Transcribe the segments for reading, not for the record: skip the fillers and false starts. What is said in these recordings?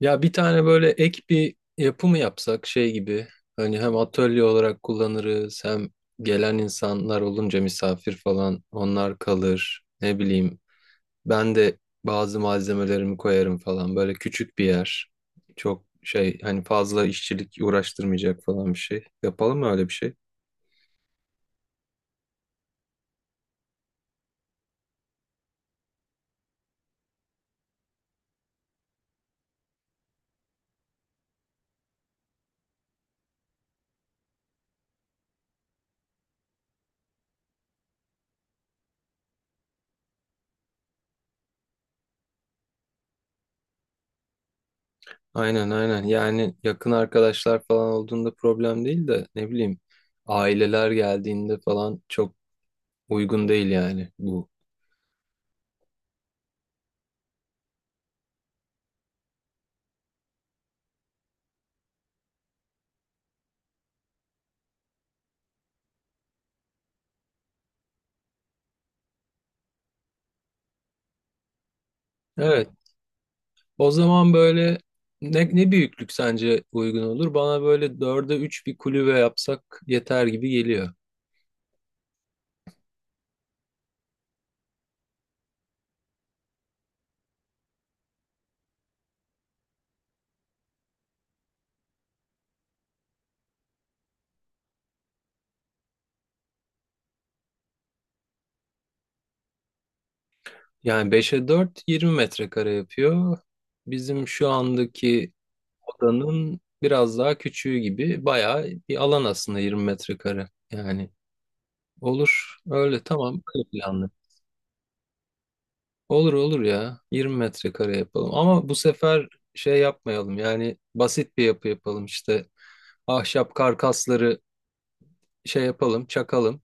Ya bir tane böyle ek bir yapı mı yapsak, şey gibi hani hem atölye olarak kullanırız, hem gelen insanlar olunca misafir falan onlar kalır, ne bileyim ben de bazı malzemelerimi koyarım falan. Böyle küçük bir yer, çok şey hani, fazla işçilik uğraştırmayacak falan bir şey yapalım mı, öyle bir şey? Aynen aynen, yani yakın arkadaşlar falan olduğunda problem değil de, ne bileyim aileler geldiğinde falan çok uygun değil yani bu. Evet. O zaman böyle ne büyüklük sence uygun olur? Bana böyle 4'e 3 bir kulübe yapsak yeter gibi geliyor. Yani beş'e dört, 20 metrekare yapıyor. Bizim şu andaki odanın biraz daha küçüğü gibi bayağı bir alan aslında 20 metrekare. Yani olur öyle, tamam böyle. Olur olur ya. 20 metrekare yapalım. Ama bu sefer şey yapmayalım. Yani basit bir yapı yapalım. İşte ahşap karkasları şey yapalım, çakalım.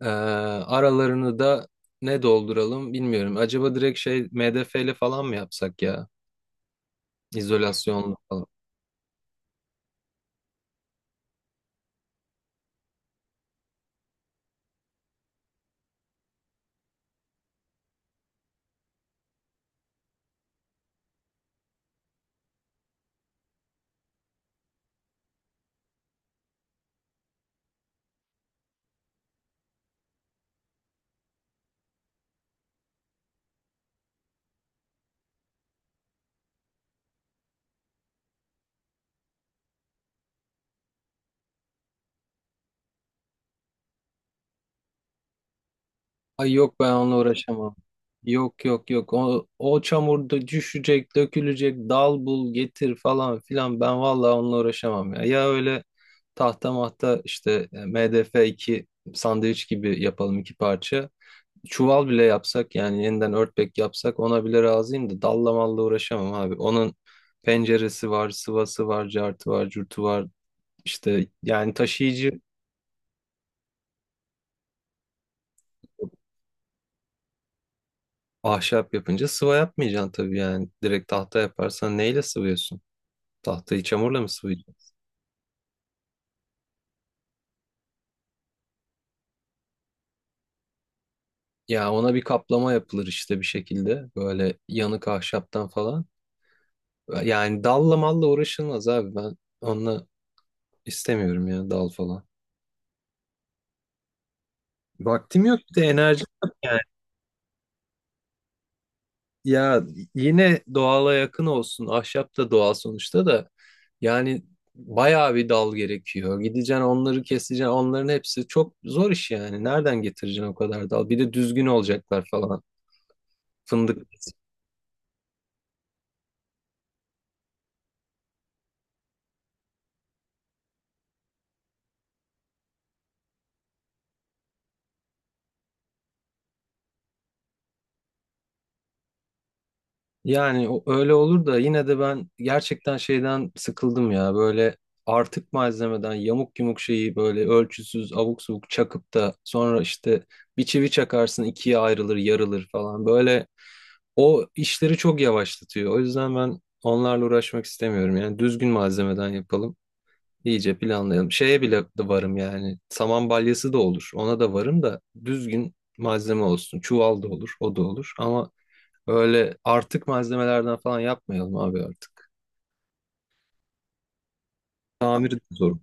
Aralarını da ne dolduralım bilmiyorum. Acaba direkt şey MDF ile falan mı yapsak ya? İzolasyonlu. Ay yok, ben onunla uğraşamam. Yok yok yok. O çamurda düşecek, dökülecek, dal bul, getir falan filan. Ben vallahi onunla uğraşamam ya. Ya öyle tahta mahta işte MDF 2 sandviç gibi yapalım, iki parça. Çuval bile yapsak, yani yeniden örtbek yapsak ona bile razıyım da dalla malla uğraşamam abi. Onun penceresi var, sıvası var, cartı var, curtu var. İşte yani taşıyıcı. Ahşap yapınca sıva yapmayacaksın tabii yani. Direkt tahta yaparsan neyle sıvıyorsun? Tahtayı çamurla mı sıvayacaksın? Ya ona bir kaplama yapılır işte bir şekilde. Böyle yanık ahşaptan falan. Yani dalla malla uğraşılmaz abi, ben onunla istemiyorum ya, dal falan. Vaktim yok, bir de enerji yok yani. Ya yine doğala yakın olsun. Ahşap da doğal sonuçta da. Yani bayağı bir dal gerekiyor. Gideceksin onları keseceksin. Onların hepsi çok zor iş yani. Nereden getireceksin o kadar dal? Bir de düzgün olacaklar falan. Fındık. Yani öyle olur da, yine de ben gerçekten şeyden sıkıldım ya. Böyle artık malzemeden yamuk yumuk şeyi böyle ölçüsüz abuk subuk çakıp da sonra işte bir çivi çakarsın ikiye ayrılır, yarılır falan. Böyle. O işleri çok yavaşlatıyor. O yüzden ben onlarla uğraşmak istemiyorum. Yani düzgün malzemeden yapalım. İyice planlayalım. Şeye bile de varım yani. Saman balyası da olur. Ona da varım, da düzgün malzeme olsun. Çuval da olur. O da olur. Ama öyle artık malzemelerden falan yapmayalım abi artık. Tamiri de zor.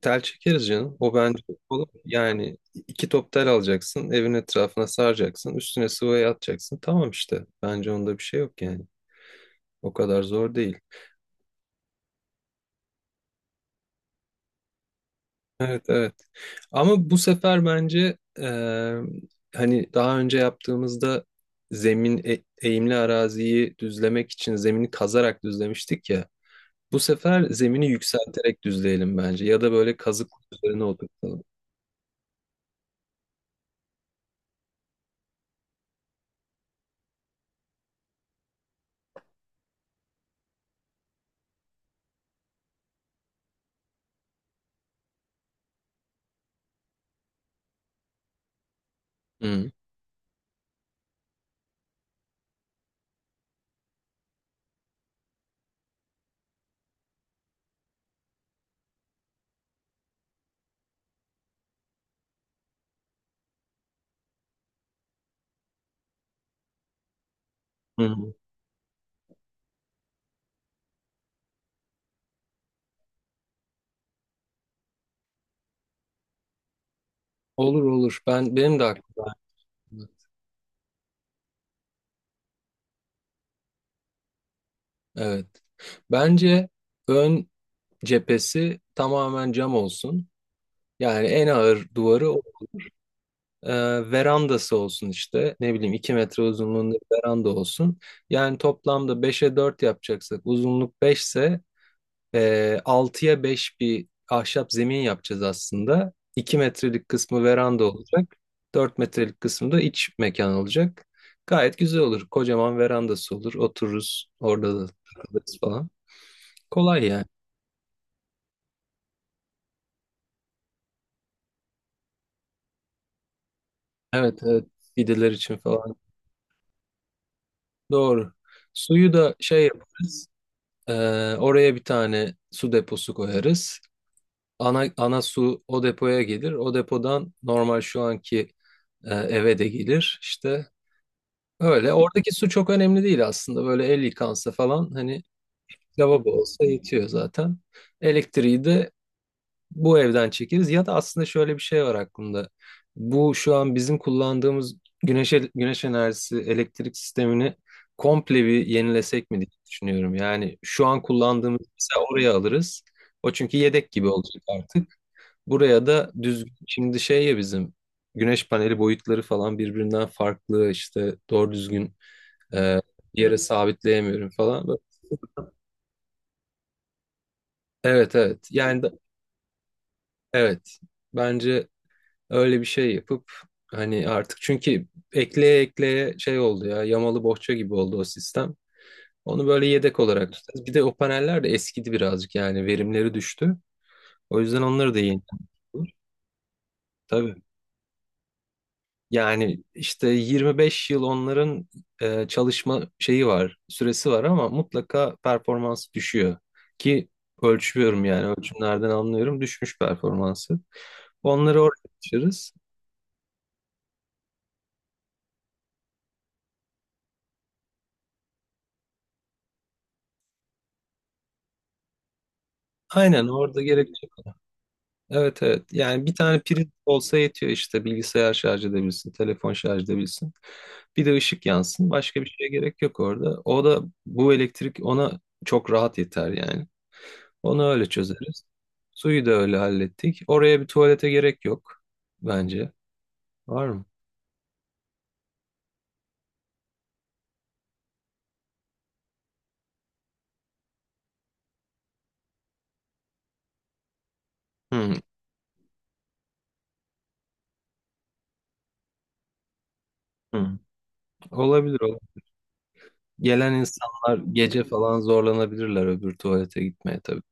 Tel çekeriz canım. O bence olur. Yani iki top tel alacaksın. Evin etrafına saracaksın. Üstüne sıvayı atacaksın. Tamam işte. Bence onda bir şey yok yani. O kadar zor değil. Evet evet. Ama bu sefer bence hani daha önce yaptığımızda zemin eğimli araziyi düzlemek için zemini kazarak düzlemiştik ya. Bu sefer zemini yükselterek düzleyelim bence, ya da böyle kazık üzerine oturtalım. Hı. Hı. Hı. Olur olur. Ben benim de aklımda. Evet. Bence ön cephesi tamamen cam olsun. Yani en ağır duvarı e, verandası olsun işte. Ne bileyim, 2 metre uzunluğunda bir veranda olsun. Yani toplamda beşe 4 yapacaksak, uzunluk 5 ise 6'ya 5 bir ahşap zemin yapacağız aslında. 2 metrelik kısmı veranda olacak. 4 metrelik kısmı da iç mekan olacak. Gayet güzel olur. Kocaman verandası olur. Otururuz orada da, takılırız falan. Kolay yani. Evet, evet. Fideler için falan. Doğru. Suyu da şey yaparız. Oraya bir tane su deposu koyarız. Ana su o depoya gelir. O depodan normal, şu anki eve de gelir. İşte öyle. Oradaki su çok önemli değil aslında. Böyle el yıkansa falan hani, lavabo olsa yetiyor zaten. Elektriği de bu evden çekeriz, ya da aslında şöyle bir şey var aklımda. Bu şu an bizim kullandığımız güneş enerjisi elektrik sistemini komple bir yenilesek mi diye düşünüyorum. Yani şu an kullandığımız, mesela oraya alırız. O çünkü yedek gibi olacak artık. Buraya da düzgün şimdi şey ya, bizim güneş paneli boyutları falan birbirinden farklı, işte doğru düzgün e, yere sabitleyemiyorum falan. Evet evet, yani evet bence. Öyle bir şey yapıp, hani artık, çünkü ekleye ekleye şey oldu ya, yamalı bohça gibi oldu o sistem. Onu böyle yedek olarak tutacağız. Bir de o paneller de eskidi birazcık, yani verimleri düştü. O yüzden onları da yenilemek olur. Tabii. Yani işte 25 yıl onların çalışma şeyi var, süresi var, ama mutlaka performans düşüyor. Ki ölçüyorum, yani ölçümlerden anlıyorum düşmüş performansı. Onları oraya taşırız. Aynen, orada gerek. Evet evet. Yani bir tane priz olsa yetiyor işte, bilgisayar şarj edebilsin, telefon şarj edebilsin. Bir de ışık yansın. Başka bir şeye gerek yok orada. O da bu elektrik ona çok rahat yeter yani. Onu öyle çözeriz. Suyu da öyle hallettik. Oraya bir tuvalete gerek yok bence. Var mı? Hı, hı. Olabilir o. Gelen insanlar gece falan zorlanabilirler öbür tuvalete gitmeye, tabii.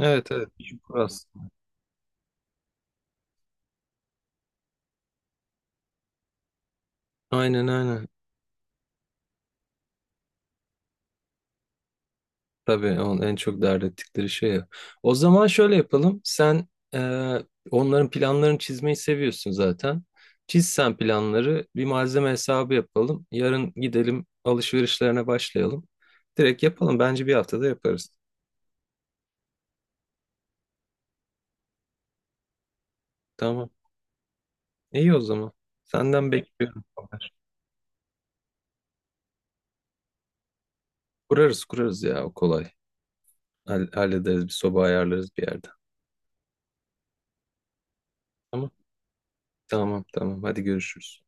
Evet evet. Şükür aslında. Aynen aynen. Tabii en çok dert ettikleri şey ya. O zaman şöyle yapalım. Sen e, onların planlarını çizmeyi seviyorsun zaten. Çiz sen planları, bir malzeme hesabı yapalım. Yarın gidelim, alışverişlerine başlayalım. Direkt yapalım. Bence bir haftada yaparız. Tamam. İyi o zaman. Senden bekliyorum. Kurarız kurarız ya, o kolay. Hallederiz, bir soba ayarlarız bir yerde. Tamam. Tamam tamam. Hadi görüşürüz.